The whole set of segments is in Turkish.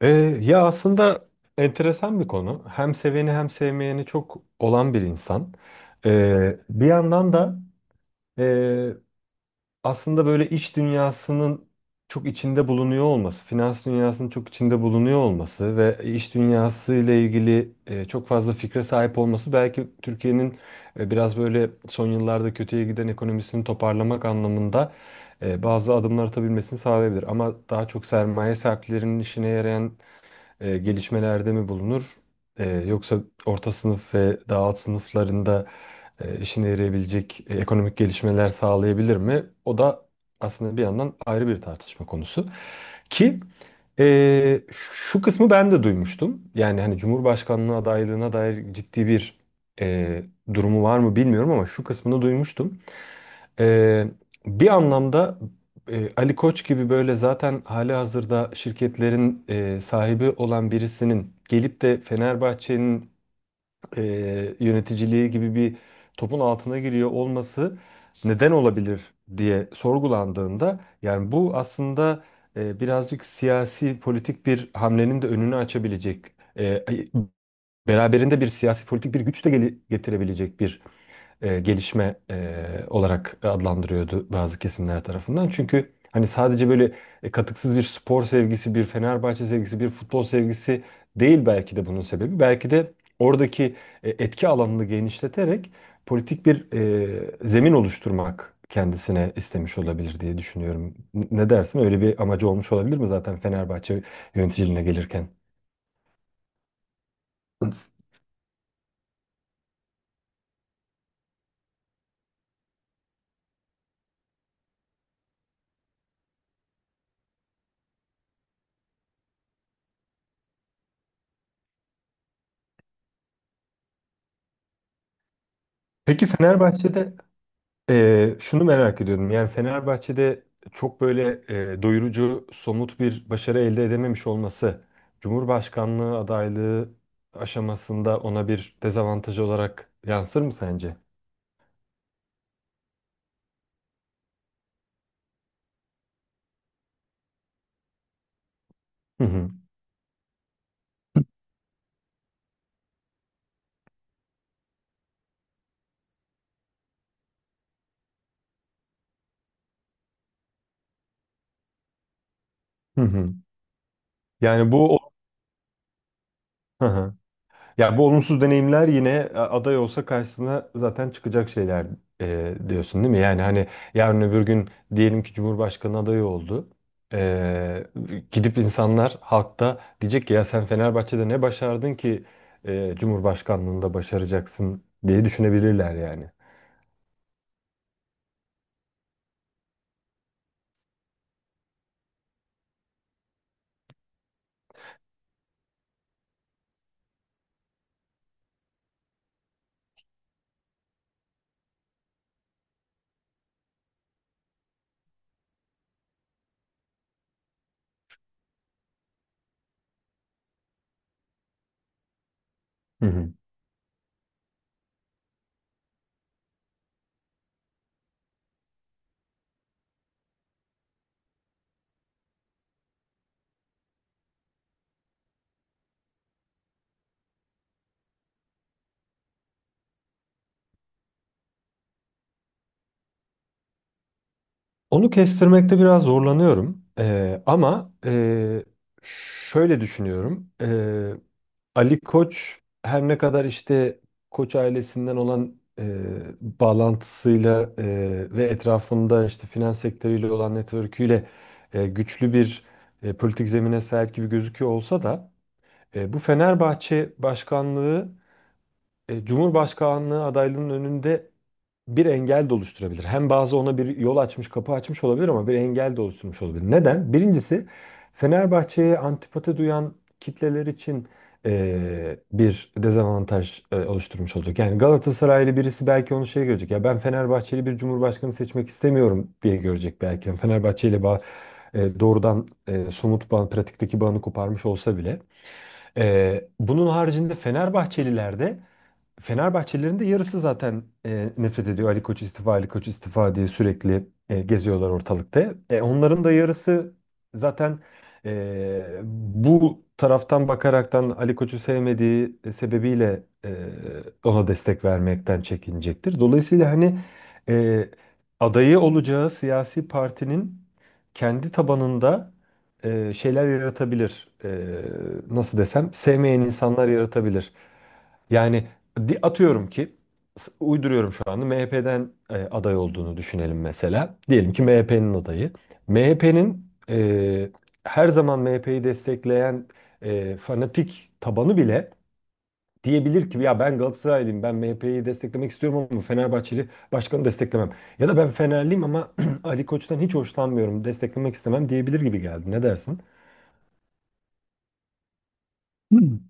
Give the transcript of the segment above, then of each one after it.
Ee, aslında enteresan bir konu. Hem seveni hem sevmeyeni çok olan bir insan. Bir yandan da e, aslında böyle iç dünyasının çok içinde bulunuyor olması, finans dünyasının çok içinde bulunuyor olması ve iş dünyası ile ilgili çok fazla fikre sahip olması belki Türkiye'nin biraz böyle son yıllarda kötüye giden ekonomisini toparlamak anlamında bazı adımlar atabilmesini sağlayabilir. Ama daha çok sermaye sahiplerinin işine yarayan gelişmelerde mi bulunur? Yoksa orta sınıf ve daha alt sınıflarında işine yarayabilecek ekonomik gelişmeler sağlayabilir mi? O da aslında bir yandan ayrı bir tartışma konusu. Ki e, şu kısmı ben de duymuştum. Yani hani Cumhurbaşkanlığı adaylığına dair ciddi bir e, durumu var mı bilmiyorum ama şu kısmını duymuştum. Ee, bir anlamda Ali Koç gibi böyle zaten hali hazırda şirketlerin sahibi olan birisinin gelip de Fenerbahçe'nin e, yöneticiliği gibi bir topun altına giriyor olması neden olabilir diye sorgulandığında yani bu aslında birazcık siyasi politik bir hamlenin de önünü açabilecek e, ay- beraberinde bir siyasi politik bir güç de getirebilecek bir gelişme olarak adlandırıyordu bazı kesimler tarafından. Çünkü hani sadece böyle katıksız bir spor sevgisi, bir Fenerbahçe sevgisi, bir futbol sevgisi değil belki de bunun sebebi. Belki de oradaki etki alanını genişleterek politik bir zemin oluşturmak kendisine istemiş olabilir diye düşünüyorum. Ne dersin? Öyle bir amacı olmuş olabilir mi zaten Fenerbahçe yöneticiliğine gelirken? Peki Fenerbahçe'de şunu merak ediyordum. Yani Fenerbahçe'de çok böyle doyurucu, somut bir başarı elde edememiş olması, Cumhurbaşkanlığı adaylığı aşamasında ona bir dezavantaj olarak yansır mı sence? Hı hı. Hı hı. Yani bu ya bu olumsuz deneyimler yine aday olsa karşısına zaten çıkacak şeyler diyorsun değil mi? Yani hani yarın öbür gün diyelim ki Cumhurbaşkanı adayı oldu. E, Gidip insanlar halkta diyecek ki ya sen Fenerbahçe'de ne başardın ki Cumhurbaşkanlığında başaracaksın diye düşünebilirler yani. Hı hı. Onu kestirmekte biraz zorlanıyorum. Ama şöyle düşünüyorum. Ali Koç her ne kadar işte Koç ailesinden olan bağlantısıyla ve etrafında işte finans sektörüyle olan network'üyle güçlü bir politik zemine sahip gibi gözüküyor olsa da bu Fenerbahçe başkanlığı Cumhurbaşkanlığı adaylığının önünde bir engel de oluşturabilir. Hem bazı ona bir yol açmış, kapı açmış olabilir ama bir engel de oluşturmuş olabilir. Neden? Birincisi Fenerbahçe'ye antipati duyan kitleler için bir dezavantaj oluşturmuş olacak. Yani Galatasaraylı birisi belki onu şey görecek. Ya ben Fenerbahçeli bir cumhurbaşkanı seçmek istemiyorum diye görecek belki. Yani Fenerbahçe ile bağ, doğrudan somut bağ, pratikteki bağını koparmış olsa bile. Bunun haricinde Fenerbahçelilerin de yarısı zaten nefret ediyor. Ali Koç istifa, Ali Koç istifa diye sürekli geziyorlar ortalıkta. Onların da yarısı zaten bu taraftan bakaraktan Ali Koç'u sevmediği sebebiyle ona destek vermekten çekinecektir. Dolayısıyla hani e, adayı olacağı siyasi partinin kendi tabanında şeyler yaratabilir. Nasıl desem, sevmeyen insanlar yaratabilir. Yani atıyorum ki uyduruyorum şu anda MHP'den aday olduğunu düşünelim mesela. Diyelim ki MHP'nin adayı. MHP'nin her zaman MHP'yi destekleyen fanatik tabanı bile diyebilir ki ya ben Galatasaraylıyım, ben MHP'yi desteklemek istiyorum ama Fenerbahçeli başkanı desteklemem. Ya da ben Fenerliyim ama Ali Koç'tan hiç hoşlanmıyorum, desteklemek istemem diyebilir gibi geldi. Ne dersin? Hmm.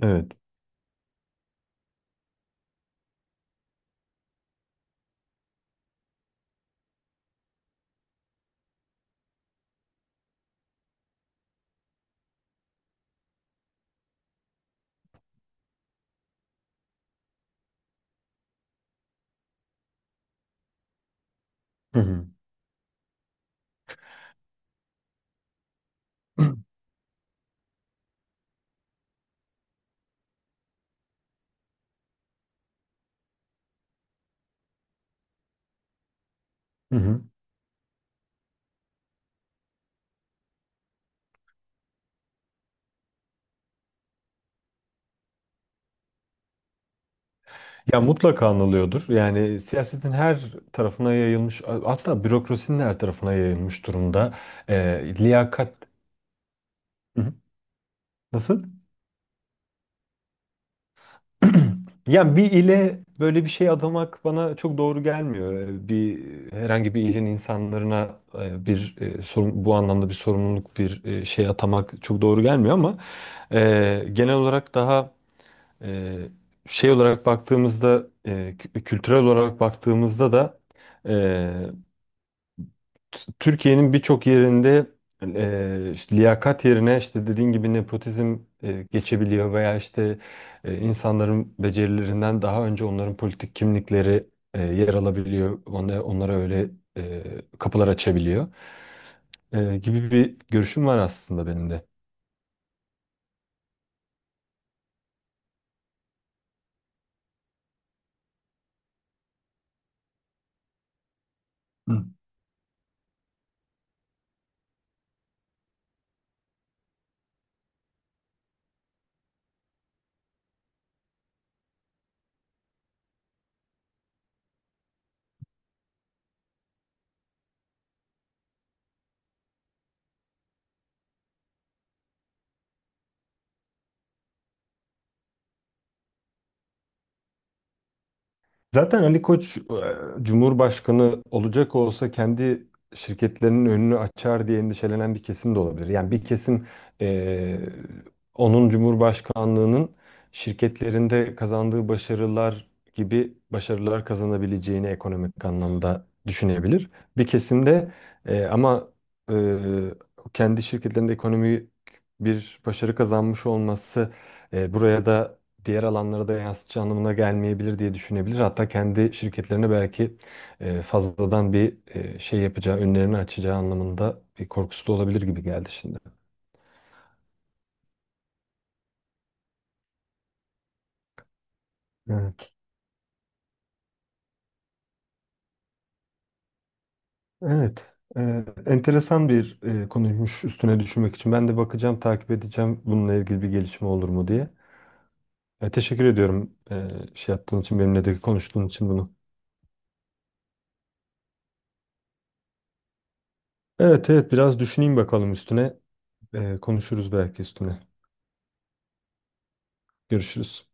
Evet. Hı hı. Hı hı. Ya mutlaka anılıyordur. Yani siyasetin her tarafına yayılmış, hatta bürokrasinin her tarafına yayılmış durumda. Liyakat Hı hı. nasıl? Yani bir ile böyle bir şey adamak bana çok doğru gelmiyor. Bir Herhangi bir ilin insanlarına bir sorun, bu anlamda bir sorumluluk, bir şey atamak çok doğru gelmiyor ama e, genel olarak daha e, şey olarak baktığımızda, kültürel olarak baktığımızda da. Türkiye'nin birçok yerinde işte liyakat yerine işte dediğin gibi nepotizm geçebiliyor veya işte insanların becerilerinden daha önce onların politik kimlikleri yer alabiliyor. Onlara öyle e, kapılar açabiliyor gibi bir görüşüm var aslında benim de. Zaten Ali Koç Cumhurbaşkanı olacak olsa kendi şirketlerinin önünü açar diye endişelenen bir kesim de olabilir. Yani bir kesim e, onun Cumhurbaşkanlığının şirketlerinde kazandığı başarılar gibi başarılar kazanabileceğini ekonomik anlamda düşünebilir. Bir kesim de ama e, kendi şirketlerinde ekonomik bir başarı kazanmış olması buraya da diğer alanlara da yansıtacağı anlamına gelmeyebilir diye düşünebilir. Hatta kendi şirketlerine belki fazladan bir şey yapacağı, önlerini açacağı anlamında bir korkusu da olabilir gibi geldi şimdi. Evet. Evet. Enteresan bir konuymuş üstüne düşünmek için. Ben de bakacağım, takip edeceğim bununla ilgili bir gelişme olur mu diye. Teşekkür ediyorum şey yaptığın için, benimle de konuştuğun için bunu. Evet, evet, biraz düşüneyim bakalım üstüne. Konuşuruz belki üstüne. Görüşürüz.